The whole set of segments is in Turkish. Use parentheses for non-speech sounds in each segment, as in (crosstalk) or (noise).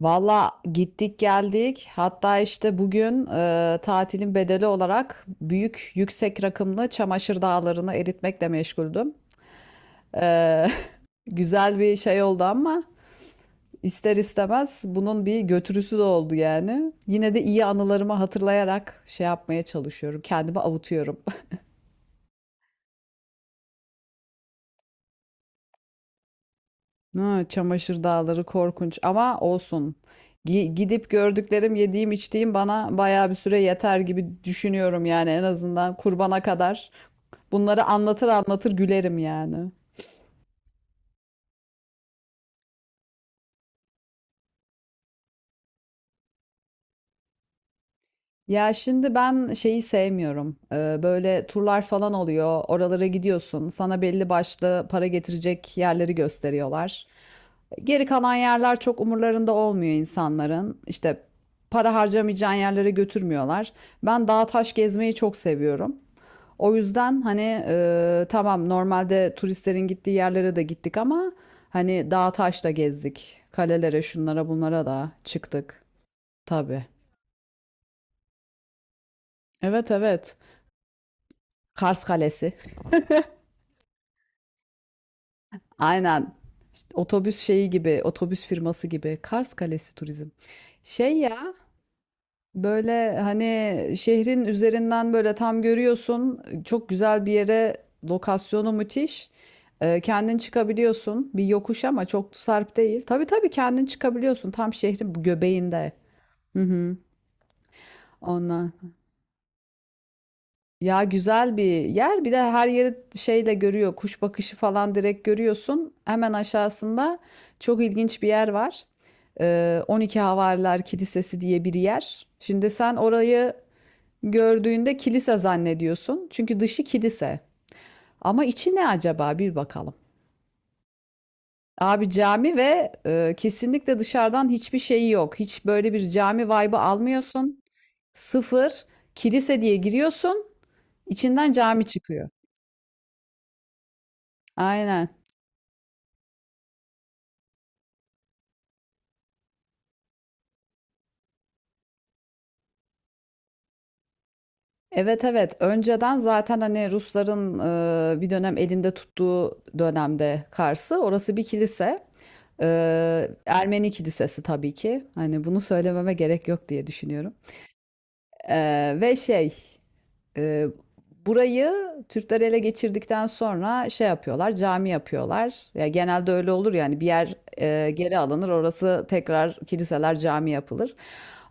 Valla gittik geldik. Hatta işte bugün tatilin bedeli olarak büyük yüksek rakımlı çamaşır dağlarını eritmekle meşguldüm. E, (laughs) güzel bir şey oldu ama ister istemez bunun bir götürüsü de oldu yani. Yine de iyi anılarımı hatırlayarak şey yapmaya çalışıyorum. Kendimi avutuyorum. (laughs) Ha, çamaşır dağları korkunç ama olsun. Gidip gördüklerim, yediğim, içtiğim bana bayağı bir süre yeter gibi düşünüyorum yani, en azından kurbana kadar. Bunları anlatır anlatır gülerim yani. Ya şimdi ben şeyi sevmiyorum. Böyle turlar falan oluyor. Oralara gidiyorsun. Sana belli başlı para getirecek yerleri gösteriyorlar. Geri kalan yerler çok umurlarında olmuyor insanların. İşte para harcamayacağın yerlere götürmüyorlar. Ben dağ taş gezmeyi çok seviyorum. O yüzden hani tamam, normalde turistlerin gittiği yerlere de gittik ama hani dağ taş da gezdik. Kalelere, şunlara bunlara da çıktık. Tabii. Evet evet. Kars Kalesi. Aynen. İşte otobüs şeyi gibi, otobüs firması gibi. Kars Kalesi Turizm. Şey ya, böyle hani şehrin üzerinden böyle tam görüyorsun. Çok güzel bir yere, lokasyonu müthiş. Kendin çıkabiliyorsun. Bir yokuş ama çok sarp değil. Tabii tabii, kendin çıkabiliyorsun. Tam şehrin göbeğinde. Hı hı. Ondan. Ya güzel bir yer. Bir de her yeri şeyle görüyor. Kuş bakışı falan direkt görüyorsun. Hemen aşağısında çok ilginç bir yer var. 12 Havariler Kilisesi diye bir yer. Şimdi sen orayı gördüğünde kilise zannediyorsun. Çünkü dışı kilise. Ama içi ne acaba? Bir bakalım. Abi cami ve kesinlikle dışarıdan hiçbir şeyi yok. Hiç böyle bir cami vibe'ı almıyorsun. Sıfır. Kilise diye giriyorsun. İçinden cami çıkıyor. Aynen. Evet evet, önceden zaten hani Rusların bir dönem elinde tuttuğu dönemde Kars'ı, orası bir kilise. E, Ermeni kilisesi tabii ki, hani bunu söylememe gerek yok diye düşünüyorum. E, ve şey ee, Burayı Türkler ele geçirdikten sonra şey yapıyorlar, cami yapıyorlar. Ya genelde öyle olur yani, bir yer geri alınır, orası tekrar kiliseler, cami yapılır.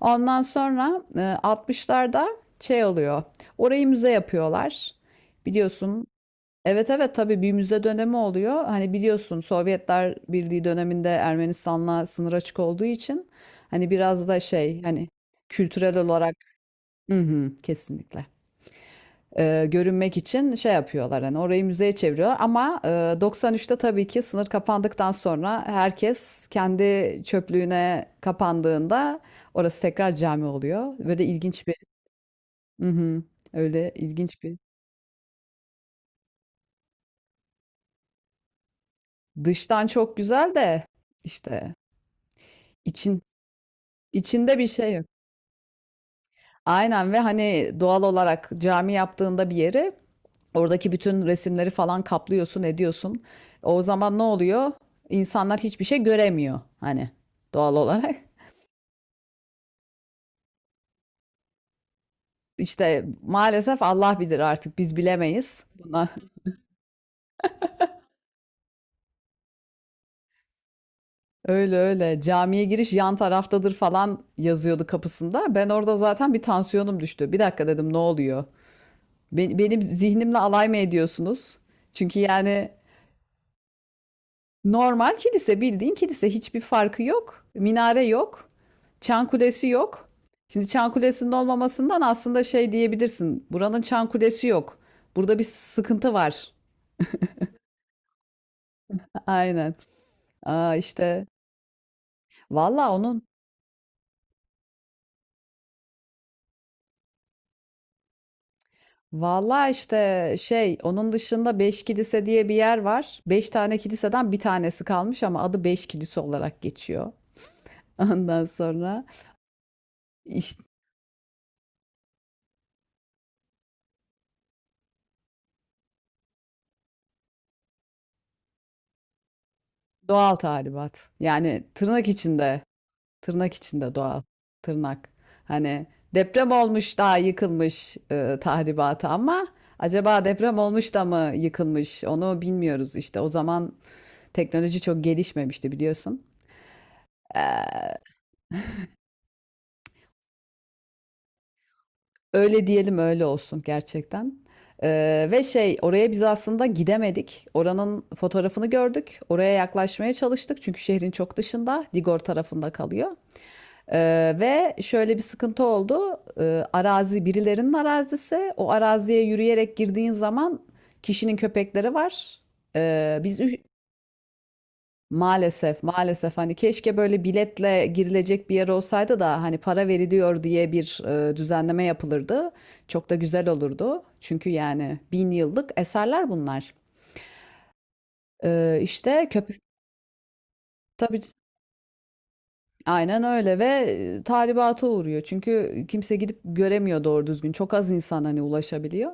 Ondan sonra 60'larda şey oluyor. Orayı müze yapıyorlar. Biliyorsun. Evet evet, tabii bir müze dönemi oluyor. Hani biliyorsun, Sovyetler Birliği döneminde Ermenistan'la sınır açık olduğu için hani biraz da şey hani kültürel olarak, hı hı, kesinlikle görünmek için şey yapıyorlar, hani orayı müzeye çeviriyorlar ama 93'te tabii ki sınır kapandıktan sonra, herkes kendi çöplüğüne kapandığında orası tekrar cami oluyor. Böyle ilginç bir. Hı hı. Öyle ilginç bir. Dıştan çok güzel de işte için içinde bir şey yok. Aynen, ve hani doğal olarak cami yaptığında bir yeri, oradaki bütün resimleri falan kaplıyorsun, ediyorsun. O zaman ne oluyor? İnsanlar hiçbir şey göremiyor hani, doğal olarak. İşte maalesef Allah bilir, artık biz bilemeyiz. Buna öyle öyle camiye giriş yan taraftadır falan yazıyordu kapısında. Ben orada zaten bir, tansiyonum düştü. Bir dakika dedim, ne oluyor? Benim zihnimle alay mı ediyorsunuz? Çünkü yani normal kilise, bildiğin kilise, hiçbir farkı yok. Minare yok. Çan kulesi yok. Şimdi çan kulesinin olmamasından aslında şey diyebilirsin. Buranın çan kulesi yok. Burada bir sıkıntı var. (laughs) Aynen. Aa, işte valla onun valla işte şey, onun dışında beş kilise diye bir yer var. Beş tane kiliseden bir tanesi kalmış ama adı beş kilise olarak geçiyor. (laughs) Ondan sonra işte doğal tahribat. Yani tırnak içinde. Tırnak içinde doğal. Tırnak. Hani deprem olmuş daha yıkılmış tahribatı ama acaba deprem olmuş da mı yıkılmış onu bilmiyoruz işte. O zaman teknoloji çok gelişmemişti biliyorsun. Ee, Öyle diyelim, öyle olsun gerçekten. Ve şey, oraya biz aslında gidemedik. Oranın fotoğrafını gördük. Oraya yaklaşmaya çalıştık çünkü şehrin çok dışında, Digor tarafında kalıyor. Ve şöyle bir sıkıntı oldu. Arazi birilerinin arazisi. O araziye yürüyerek girdiğin zaman kişinin köpekleri var. Ee, biz üç- Maalesef maalesef, hani keşke böyle biletle girilecek bir yer olsaydı da hani para veriliyor diye bir düzenleme yapılırdı. Çok da güzel olurdu. Çünkü yani bin yıllık eserler bunlar. İşte köpek, tabii. Aynen öyle, ve tahribata uğruyor. Çünkü kimse gidip göremiyor doğru düzgün. Çok az insan hani ulaşabiliyor.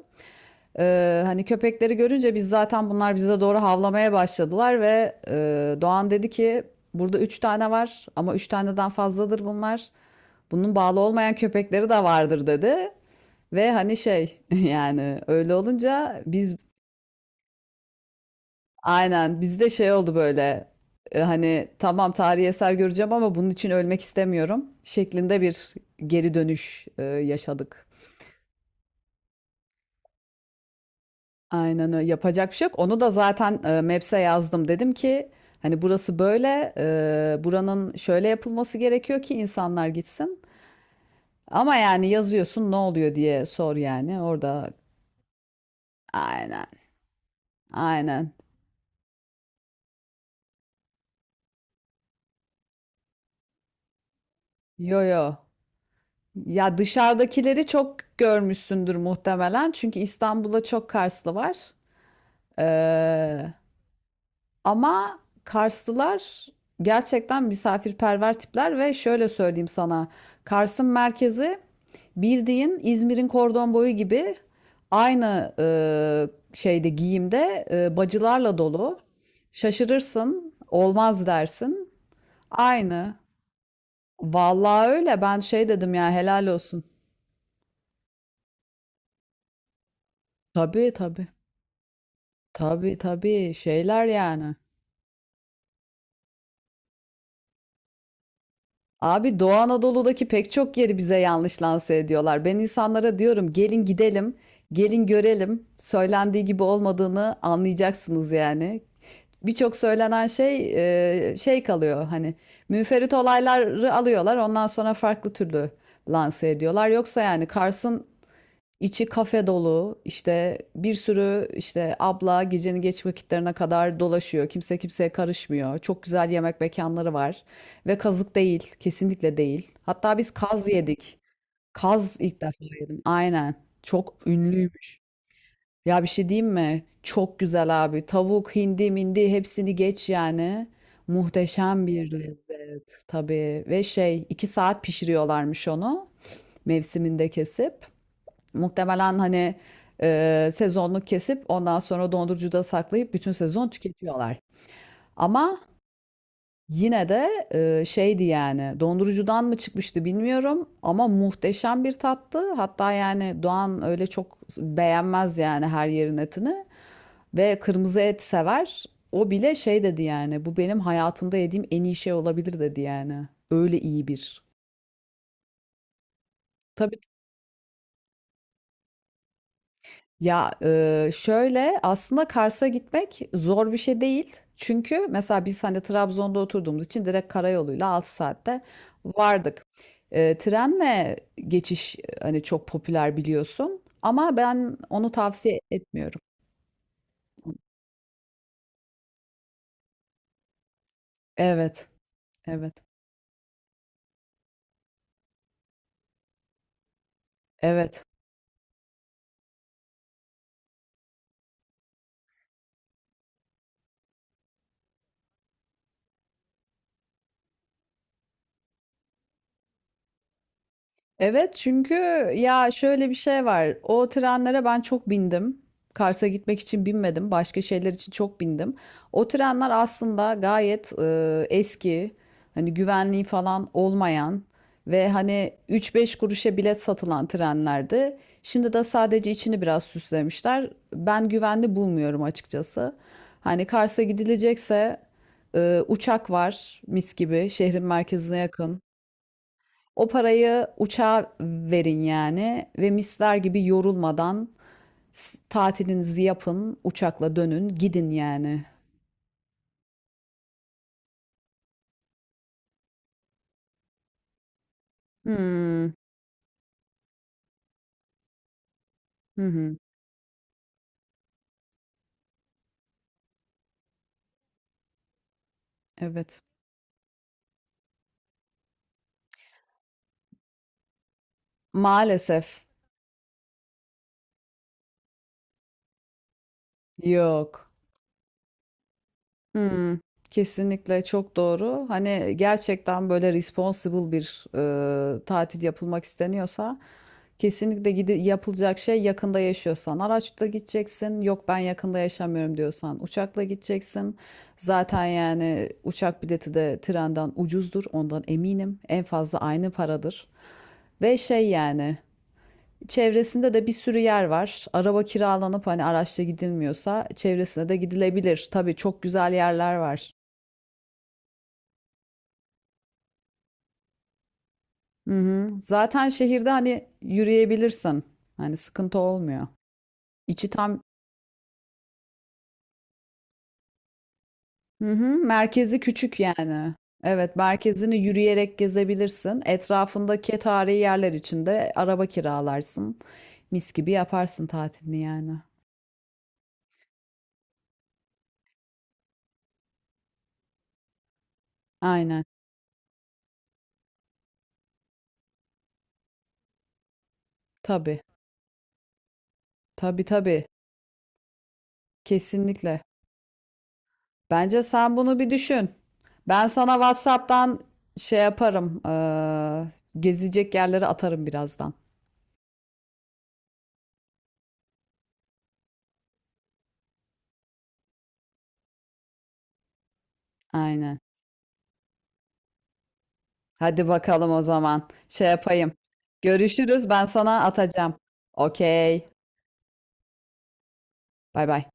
Hani köpekleri görünce biz, zaten bunlar bize doğru havlamaya başladılar ve Doğan dedi ki burada üç tane var ama üç taneden fazladır bunlar. Bunun bağlı olmayan köpekleri de vardır dedi. Ve hani şey (laughs) yani öyle olunca biz, aynen bizde şey oldu böyle hani tamam tarihi eser göreceğim ama bunun için ölmek istemiyorum şeklinde bir geri dönüş yaşadık. Aynen öyle, yapacak bir şey yok. Onu da zaten Maps'e yazdım. Dedim ki hani burası böyle buranın şöyle yapılması gerekiyor ki insanlar gitsin. Ama yani yazıyorsun, ne oluyor diye sor yani orada. Aynen aynen yo yo ya dışarıdakileri çok görmüşsündür muhtemelen. Çünkü İstanbul'da çok Karslı var. Ee, Ama Karslılar gerçekten misafirperver tipler ve şöyle söyleyeyim sana. Kars'ın merkezi bildiğin İzmir'in kordon boyu gibi, aynı şeyde, giyimde bacılarla dolu. Şaşırırsın, olmaz dersin. Aynı. Vallahi öyle. Ben şey dedim, ya helal olsun. Tabii tabii. Tabii tabii, şeyler yani. Abi Doğu Anadolu'daki pek çok yeri bize yanlış lanse ediyorlar. Ben insanlara diyorum, gelin gidelim, gelin görelim. Söylendiği gibi olmadığını anlayacaksınız yani. Birçok söylenen şey şey kalıyor hani, müferit olayları alıyorlar ondan sonra farklı türlü lanse ediyorlar. Yoksa yani Kars'ın İçi kafe dolu, işte bir sürü işte abla gecenin geç vakitlerine kadar dolaşıyor. Kimse kimseye karışmıyor. Çok güzel yemek mekanları var. Ve kazık değil. Kesinlikle değil. Hatta biz kaz yedik. Kaz ilk defa yedim. Aynen. Çok ünlüymüş. Ya bir şey diyeyim mi? Çok güzel abi. Tavuk, hindi, mindi, hepsini geç yani. Muhteşem bir lezzet tabii. Ve şey, iki saat pişiriyorlarmış onu, mevsiminde kesip. Muhtemelen hani, sezonluk kesip ondan sonra dondurucuda saklayıp bütün sezon tüketiyorlar. Ama yine de, şeydi yani, dondurucudan mı çıkmıştı bilmiyorum ama muhteşem bir tattı. Hatta yani Doğan öyle çok beğenmez yani her yerin etini ve kırmızı et sever. O bile şey dedi yani, "Bu benim hayatımda yediğim en iyi şey olabilir." dedi yani. Öyle iyi bir. Tabii. Ya şöyle, aslında Kars'a gitmek zor bir şey değil. Çünkü mesela biz hani Trabzon'da oturduğumuz için direkt karayoluyla 6 saatte vardık. Trenle geçiş hani çok popüler biliyorsun ama ben onu tavsiye etmiyorum. Evet, evet, evet. Evet çünkü, ya şöyle bir şey var. O trenlere ben çok bindim. Kars'a gitmek için binmedim. Başka şeyler için çok bindim. O trenler aslında gayet eski. Hani güvenliği falan olmayan ve hani üç beş kuruşa bilet satılan trenlerdi. Şimdi de sadece içini biraz süslemişler. Ben güvenli bulmuyorum açıkçası. Hani Kars'a gidilecekse uçak var, mis gibi şehrin merkezine yakın. O parayı uçağa verin yani ve misler gibi yorulmadan tatilinizi yapın, uçakla dönün, gidin yani. Hmm. Hı hı. Evet. Maalesef yok. Hmm, kesinlikle çok doğru. Hani gerçekten böyle responsible bir tatil yapılmak isteniyorsa kesinlikle gidi yapılacak şey, yakında yaşıyorsan araçla gideceksin. Yok ben yakında yaşamıyorum diyorsan uçakla gideceksin. Zaten yani uçak bileti de trenden ucuzdur. Ondan eminim. En fazla aynı paradır. Ve şey yani çevresinde de bir sürü yer var. Araba kiralanıp hani araçla gidilmiyorsa çevresine de gidilebilir. Tabii çok güzel yerler var. Hı hı. Zaten şehirde hani yürüyebilirsin. Hani sıkıntı olmuyor. İçi tam, hı hı. Merkezi küçük yani. Evet, merkezini yürüyerek gezebilirsin. Etrafındaki tarihi yerler için de araba kiralarsın. Mis gibi yaparsın tatilini yani. Aynen. Tabii. Tabii tabii. Kesinlikle. Bence sen bunu bir düşün. Ben sana WhatsApp'tan şey yaparım. Gezecek yerleri atarım birazdan. Aynen. Hadi bakalım o zaman. Şey yapayım. Görüşürüz. Ben sana atacağım. Okey. Bay bay.